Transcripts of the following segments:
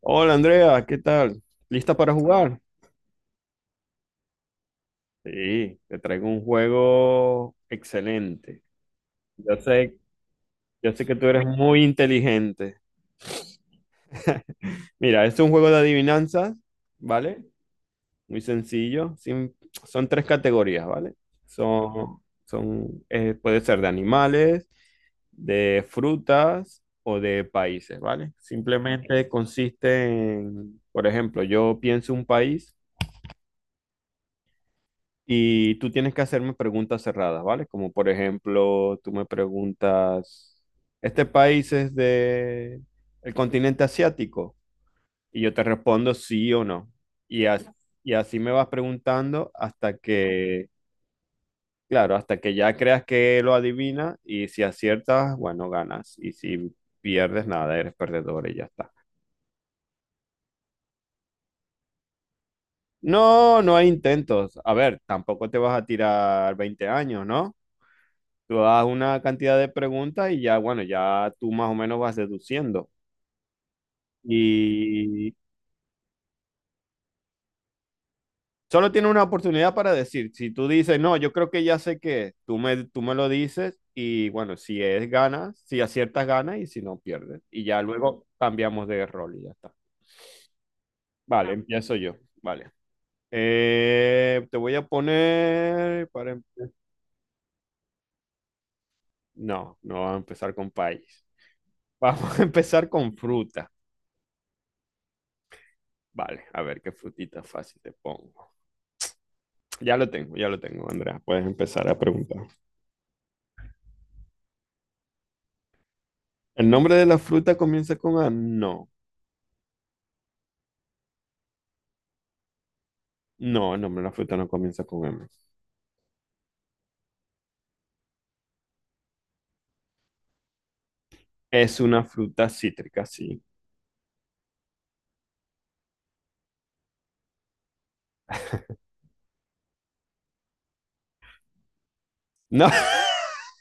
Hola Andrea, ¿qué tal? ¿Lista para jugar? Sí, te traigo un juego excelente. Yo sé, yo sé que tú eres muy inteligente. Mira, este es un juego de adivinanzas, ¿vale? Muy sencillo. Son tres categorías, ¿vale? Son, Puede ser de animales, de frutas o de países, ¿vale? Simplemente consiste en, por ejemplo, yo pienso un país. Y tú tienes que hacerme preguntas cerradas, ¿vale? Como por ejemplo, tú me preguntas, ¿este país es de el continente asiático? Y yo te respondo sí o no. Y, as- y así me vas preguntando hasta que, claro, hasta que ya creas que lo adivinas, y si aciertas, bueno, ganas. Y si pierdes, nada, eres perdedor y ya está. No, no hay intentos. A ver, tampoco te vas a tirar 20 años, ¿no? Tú das una cantidad de preguntas y ya, bueno, ya tú más o menos vas deduciendo. Y solo tiene una oportunidad para decir, si tú dices, "no, yo creo que ya sé qué, es", tú me lo dices y bueno, si es ganas, si aciertas ganas y si no pierdes. Y ya luego cambiamos de rol y ya está. Vale, empiezo yo. Vale. Te voy a poner para... No, no vamos a empezar con país. Vamos a empezar con fruta. Vale, a ver qué frutita fácil te pongo. Ya lo tengo, Andrea. Puedes empezar a preguntar. ¿El nombre de la fruta comienza con A? No. No, el nombre de la fruta no comienza con M. Es una fruta cítrica, sí. No.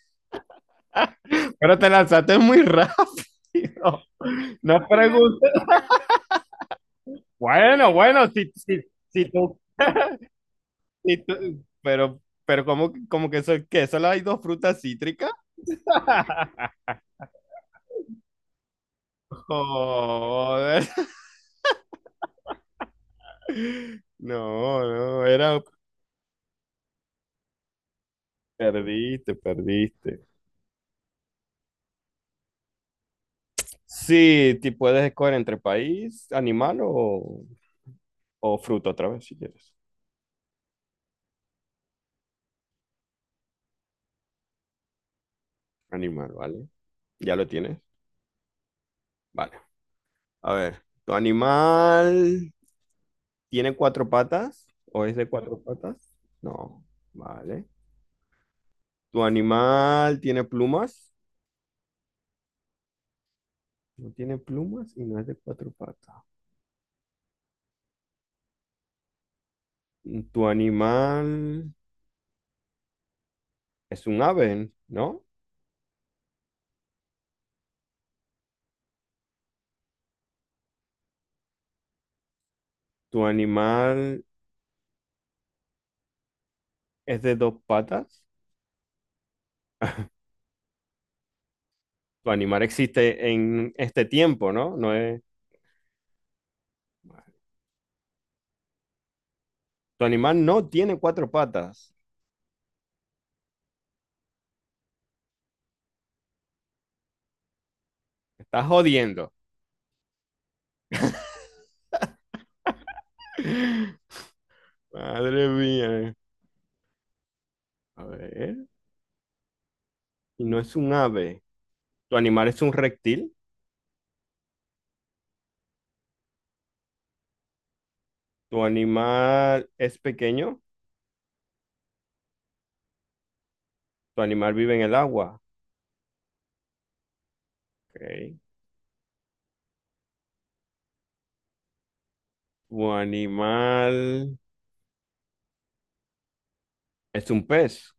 Pero te lanzaste muy rápido. No preguntes. Bueno, bueno, si tú, si tú- pero ¿cómo, cómo que eso, que solo hay dos frutas cítricas? Joder. No, no, era perdiste, perdiste. Sí, ti puedes escoger entre país, animal o fruta otra vez si quieres. Animal, ¿vale? ¿Ya lo tienes? Vale. A ver, ¿tu animal tiene cuatro patas o es de cuatro patas? No, vale. ¿Tu animal tiene plumas? No tiene plumas y no es de cuatro patas. ¿Tu animal es un ave, no? ¿Tu animal es de dos patas? Tu animal existe en este tiempo, ¿no? No es... Tu animal no tiene cuatro patas. Estás jodiendo. Madre mía. A ver. Y no es un ave. Tu animal es un reptil. Tu animal es pequeño. Tu animal vive en el agua. Ok. Tu animal es un pez.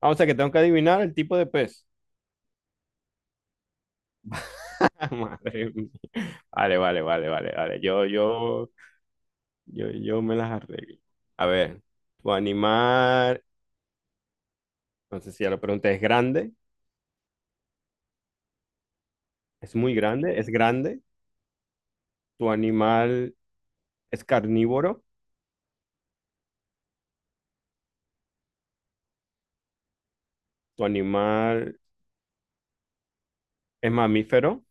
Ah, o sea que tengo que adivinar el tipo de pez. Madre mía. Vale, vale, vale, vale, vale. Yo me las arreglo. A ver, tu animal, no sé si ya lo pregunté, ¿es grande? ¿Es muy grande? ¿Es grande? ¿Tu animal es carnívoro? ¿Tu animal es mamífero?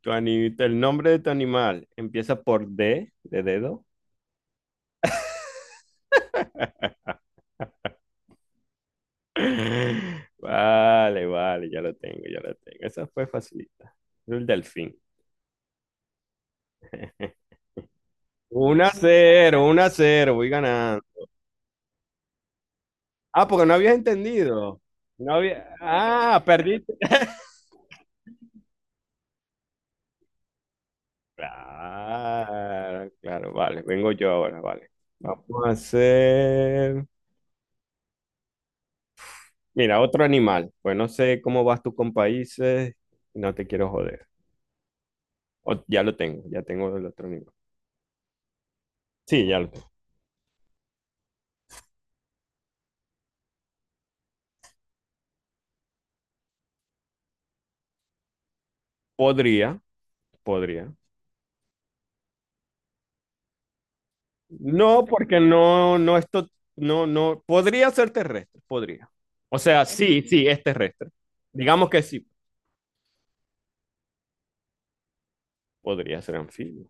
¿El nombre de tu animal empieza por D, de dedo? Vale, vale, ya lo tengo, ya lo tengo. Esa fue facilita. El delfín. Un a 0, 1 a 0, voy ganando. Ah, porque no habías entendido. No había... Ah, perdiste. Claro, claro, vale, vengo yo ahora, vale. Vamos a hacer, mira, otro animal. Pues no sé cómo vas tú con países, no te quiero joder. Ya lo tengo, ya tengo el otro animal. Sí, ya lo tengo. Podría, podría. No, porque esto, no, no, podría ser terrestre, podría. O sea, sí, sí, es terrestre. Digamos que sí, podría ser anfibio.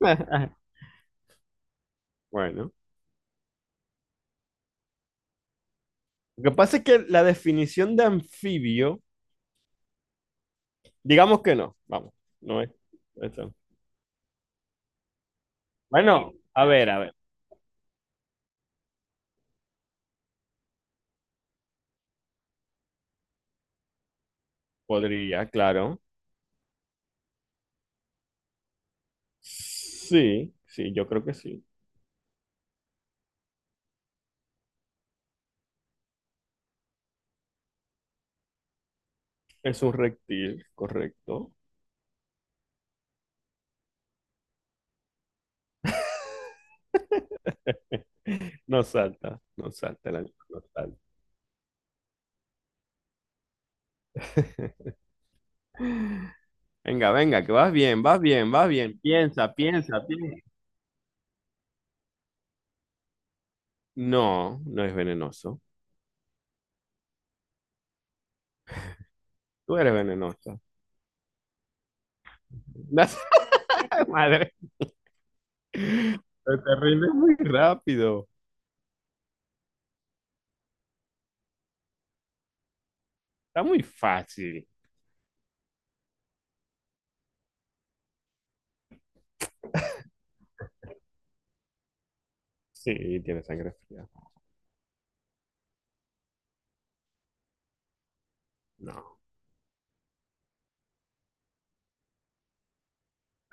Bueno, lo que pasa es que la definición de anfibio... Digamos que no. Vamos, no es. Eso. Bueno, a ver, a ver. Podría, claro. Sí, sí, yo creo que sí. Es un reptil, correcto. No salta, no salta el animal, no salta. Venga, venga, que vas bien, vas bien, vas bien. Piensa, piensa, piensa. No, no es venenoso. Tú eres venenosa. Madre. Te rindes muy rápido. Está muy fácil. Sí, tiene sangre fría. No.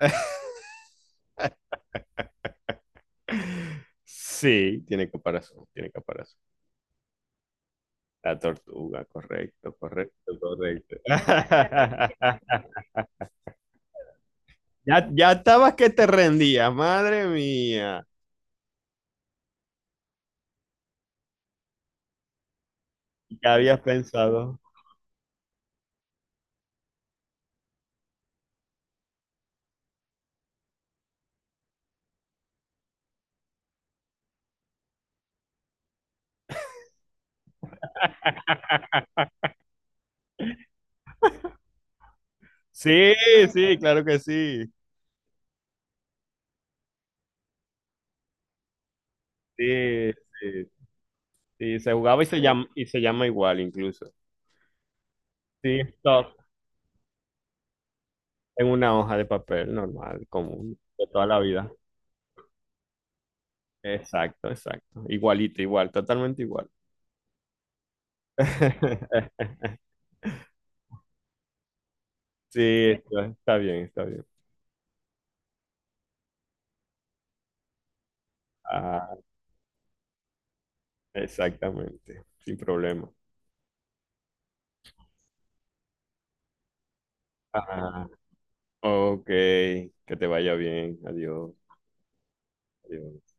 Sí, tiene caparazón, tiene caparazón. La tortuga, correcto, correcto, correcto. Ya, ya estabas que te rendías, madre mía. ¿Qué habías pensado? Sí, sí, claro que sí. Sí, sí, sí, se jugaba y se llama igual incluso. Sí, stop, en una hoja de papel normal, común, de toda la vida. Exacto, exacto. Igualito, igual, totalmente igual. Sí, está, está bien, está bien. Ah, exactamente, sin problema. Ah, ok, que te vaya bien. Adiós. Adiós.